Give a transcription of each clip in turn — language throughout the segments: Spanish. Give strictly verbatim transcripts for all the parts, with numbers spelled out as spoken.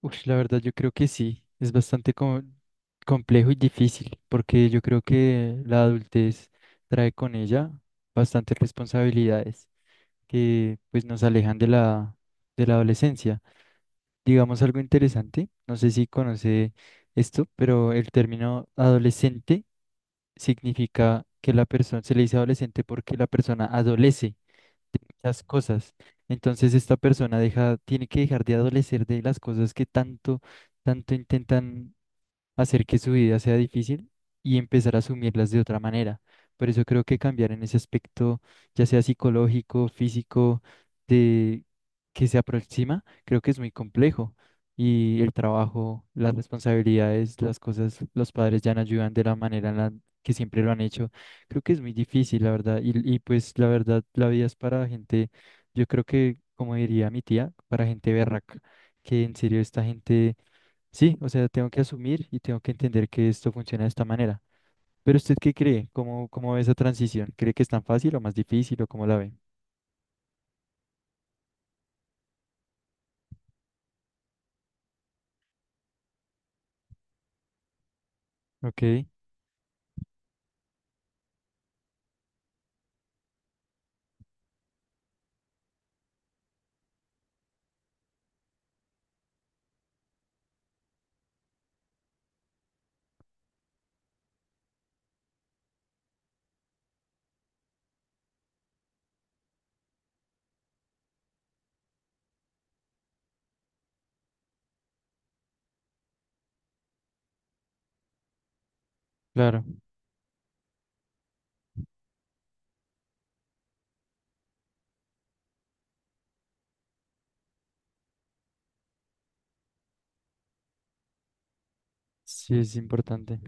Uy, la verdad yo creo que sí, es bastante co- complejo y difícil, porque yo creo que la adultez trae con ella bastantes responsabilidades que pues nos alejan de la, de la adolescencia. Digamos algo interesante, no sé si conoce esto, pero el término adolescente significa que la persona se le dice adolescente porque la persona adolece las cosas. Entonces esta persona deja, tiene que dejar de adolecer de las cosas que tanto, tanto intentan hacer que su vida sea difícil y empezar a asumirlas de otra manera. Por eso creo que cambiar en ese aspecto, ya sea psicológico, físico, de que se aproxima, creo que es muy complejo. Y el trabajo, las responsabilidades, las cosas, los padres ya no ayudan de la manera en la que siempre lo han hecho. Creo que es muy difícil, la verdad. Y, y pues la verdad, la vida es para gente, yo creo que, como diría mi tía, para gente berraca, que en serio esta gente. Sí, o sea, tengo que asumir y tengo que entender que esto funciona de esta manera. Pero ¿usted qué cree? ¿Cómo, cómo ve esa transición? ¿Cree que es tan fácil o más difícil o cómo la ve? Ok, claro, sí es importante.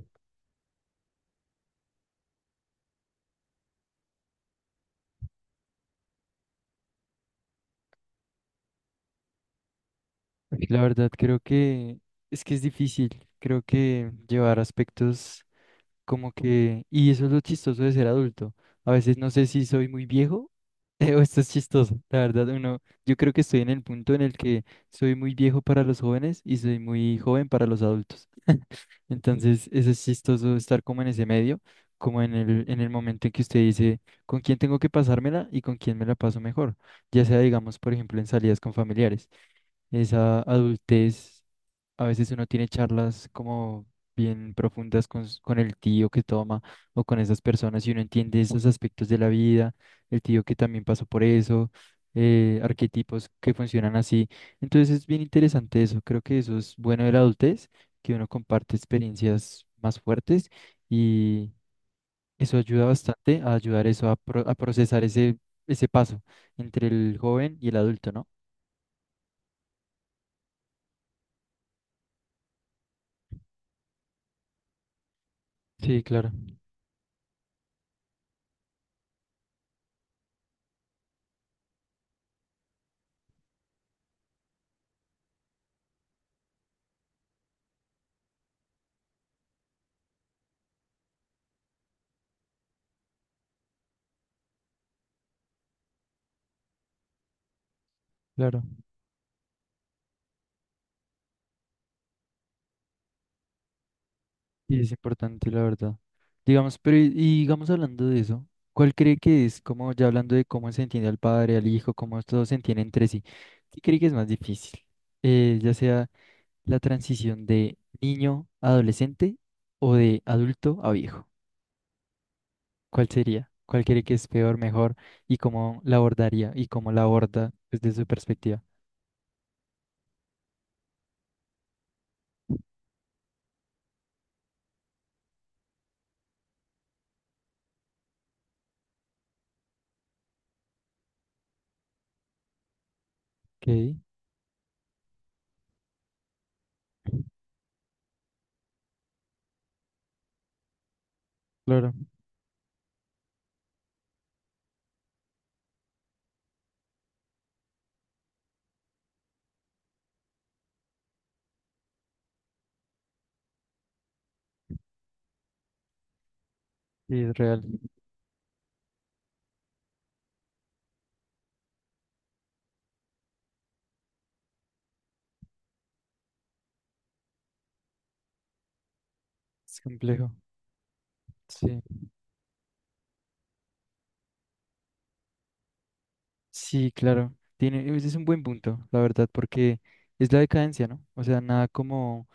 La verdad creo que es que es difícil, creo que llevar aspectos como que, y eso es lo chistoso de ser adulto. A veces no sé si soy muy viejo o esto es chistoso. La verdad, uno, yo creo que estoy en el punto en el que soy muy viejo para los jóvenes y soy muy joven para los adultos. Entonces, eso es chistoso estar como en ese medio, como en el, en el momento en que usted dice con quién tengo que pasármela y con quién me la paso mejor. Ya sea, digamos, por ejemplo, en salidas con familiares. Esa adultez. A veces uno tiene charlas como bien profundas con, s- con el tío que toma o con esas personas y uno entiende esos aspectos de la vida, el tío que también pasó por eso, eh, arquetipos que funcionan así. Entonces es bien interesante eso. Creo que eso es bueno de la adultez, que uno comparte experiencias más fuertes y eso ayuda bastante a ayudar eso a, pro- a procesar ese, ese paso entre el joven y el adulto, ¿no? Sí, claro, claro. Y es importante, la verdad. Digamos, pero y, y digamos hablando de eso, ¿cuál cree que es, como ya hablando de cómo se entiende al padre, al hijo, cómo todos se entienden entre sí, ¿qué cree que es más difícil? Eh, ya sea la transición de niño a adolescente o de adulto a viejo. ¿Cuál sería? ¿Cuál cree que es peor, mejor y cómo la abordaría y cómo la aborda desde su perspectiva? Ok, claro, sí es real, es complejo. Sí. Sí, claro. Tiene, ese es un buen punto, la verdad, porque es la decadencia, ¿no? O sea, nada como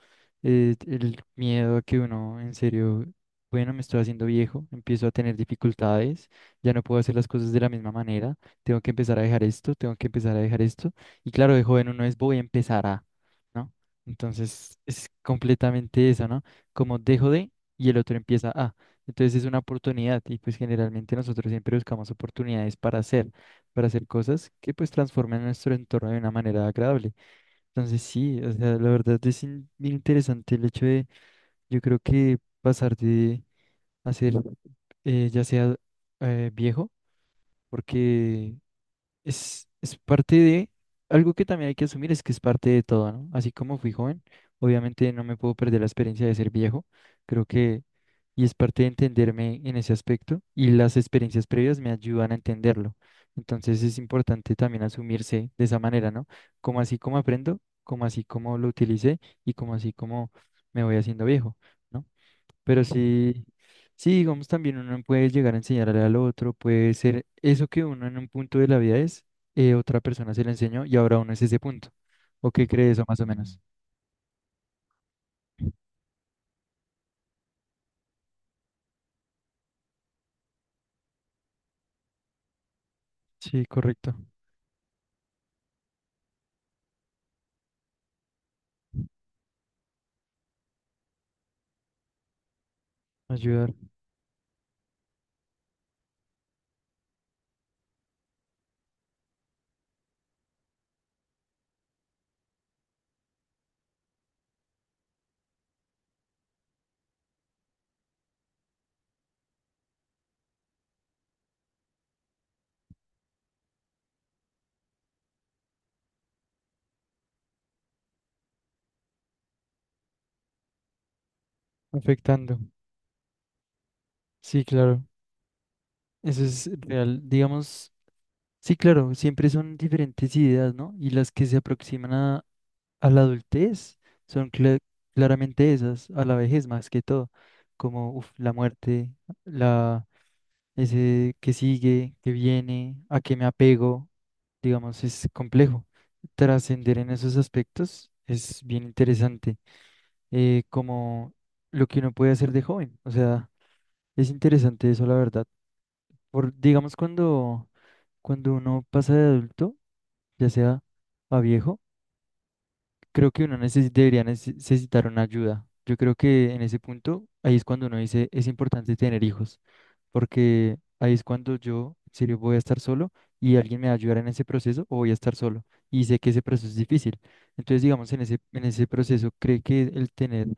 eh, el miedo a que uno, en serio, bueno, me estoy haciendo viejo, empiezo a tener dificultades, ya no puedo hacer las cosas de la misma manera, tengo que empezar a dejar esto, tengo que empezar a dejar esto. Y claro, de joven uno es voy a empezar a, ¿no? Entonces es completamente eso, ¿no? Como dejo de y el otro empieza a. Entonces es una oportunidad y pues generalmente nosotros siempre buscamos oportunidades para hacer para hacer cosas que pues transformen nuestro entorno de una manera agradable. Entonces sí, o sea, la verdad es in- bien interesante el hecho de, yo creo que pasar de hacer eh, ya sea eh, viejo, porque es, es parte de algo que también hay que asumir, es que es parte de todo, ¿no? Así como fui joven, obviamente no me puedo perder la experiencia de ser viejo, creo que, y es parte de entenderme en ese aspecto, y las experiencias previas me ayudan a entenderlo. Entonces es importante también asumirse de esa manera, ¿no? Como así como aprendo, como así como lo utilicé y como así como me voy haciendo viejo, ¿no? Pero sí, sí, digamos, también uno puede llegar a enseñarle al otro, puede ser eso que uno en un punto de la vida es, eh, otra persona se lo enseñó y ahora uno es ese punto. ¿O qué cree eso más o menos? Sí, correcto. Ayudar, afectando. Sí, claro. Eso es real. Digamos, sí, claro, siempre son diferentes ideas, ¿no? Y las que se aproximan a, a la adultez son cla- claramente esas, a la vejez más que todo, como uf, la muerte, ese que sigue, que viene, a qué me apego, digamos, es complejo. Trascender en esos aspectos es bien interesante, eh, como lo que uno puede hacer de joven. O sea, es interesante eso, la verdad. Por, digamos, cuando, cuando uno pasa de adulto, ya sea a viejo, creo que uno neces- debería neces- necesitar una ayuda. Yo creo que en ese punto, ahí es cuando uno dice, es importante tener hijos. Porque ahí es cuando yo, en serio, voy a estar solo y alguien me va a ayudar en ese proceso o voy a estar solo. Y sé que ese proceso es difícil. Entonces, digamos, en ese, en ese proceso, ¿cree que el tener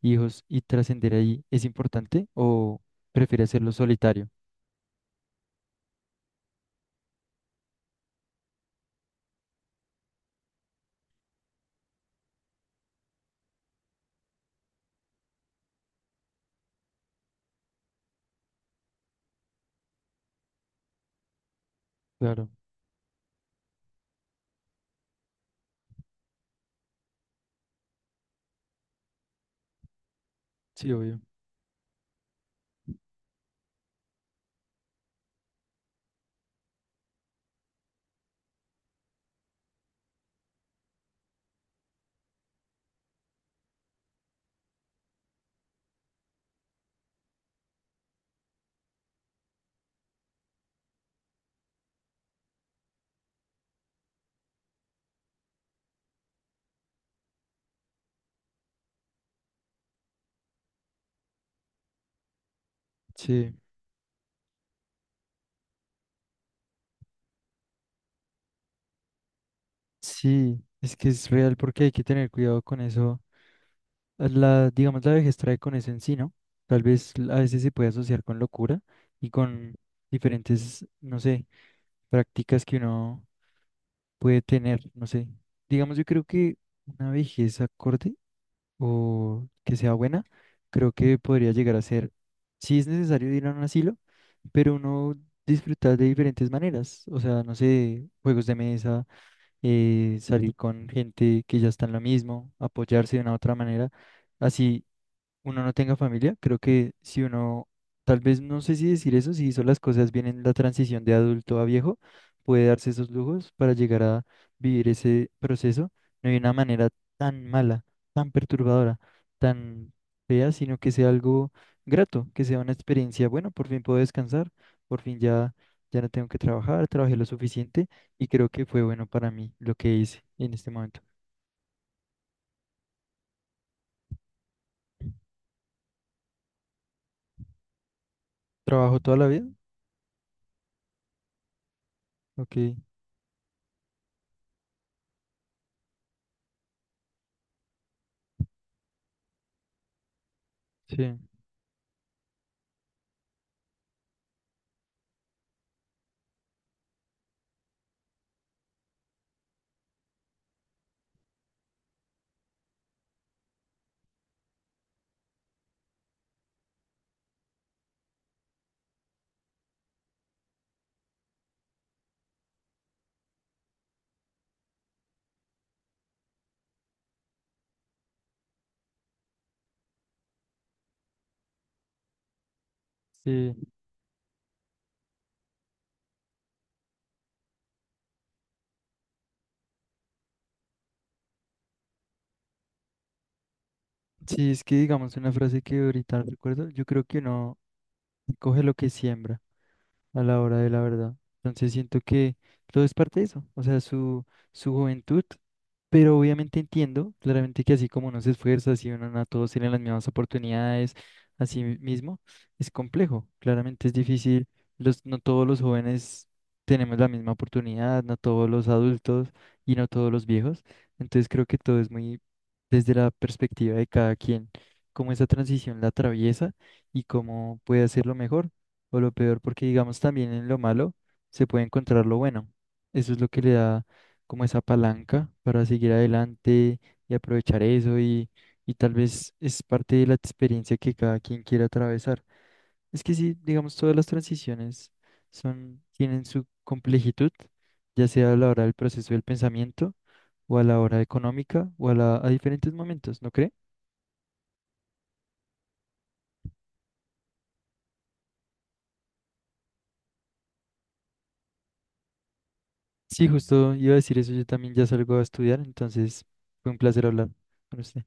hijos y trascender ahí es importante o prefiere hacerlo solitario? Claro, sí, obvio. Sí, sí, es que es real porque hay que tener cuidado con eso. La, digamos, la vejez trae con eso en sí, ¿no? Tal vez a veces se puede asociar con locura y con diferentes, no sé, prácticas que uno puede tener, no sé. Digamos, yo creo que una vejez acorde o que sea buena, creo que podría llegar a ser, si es necesario ir a un asilo, pero uno disfrutar de diferentes maneras, o sea, no sé, juegos de mesa, eh, salir con gente que ya está en lo mismo, apoyarse de una u otra manera, así uno no tenga familia, creo que si uno, tal vez no sé si decir eso, si hizo las cosas bien en la transición de adulto a viejo, puede darse esos lujos para llegar a vivir ese proceso, no de una manera tan mala, tan perturbadora, tan fea, sino que sea algo grato, que sea una experiencia, bueno, por fin puedo descansar, por fin ya, ya no tengo que trabajar, trabajé lo suficiente y creo que fue bueno para mí lo que hice en este momento. ¿Trabajo toda la vida? Ok, sí, sí. Sí, es que digamos una frase que ahorita recuerdo, yo creo que uno coge lo que siembra a la hora de la verdad. Entonces siento que todo es parte de eso, o sea, su, su juventud, pero obviamente entiendo claramente que así como uno se esfuerza, así uno no a todos tienen las mismas oportunidades, así mismo, es complejo, claramente es difícil, los, no todos los jóvenes tenemos la misma oportunidad, no todos los adultos y no todos los viejos, entonces creo que todo es muy desde la perspectiva de cada quien, cómo esa transición la atraviesa y cómo puede hacerlo mejor o lo peor, porque digamos también en lo malo se puede encontrar lo bueno. Eso es lo que le da como esa palanca para seguir adelante y aprovechar eso y, y tal vez es parte de la experiencia que cada quien quiera atravesar. Es que sí, digamos, todas las transiciones son, tienen su complejitud, ya sea a la hora del proceso del pensamiento o a la hora económica o a, la, a diferentes momentos, ¿no cree? Sí, justo iba a decir eso, yo también ya salgo a estudiar, entonces fue un placer hablar con usted.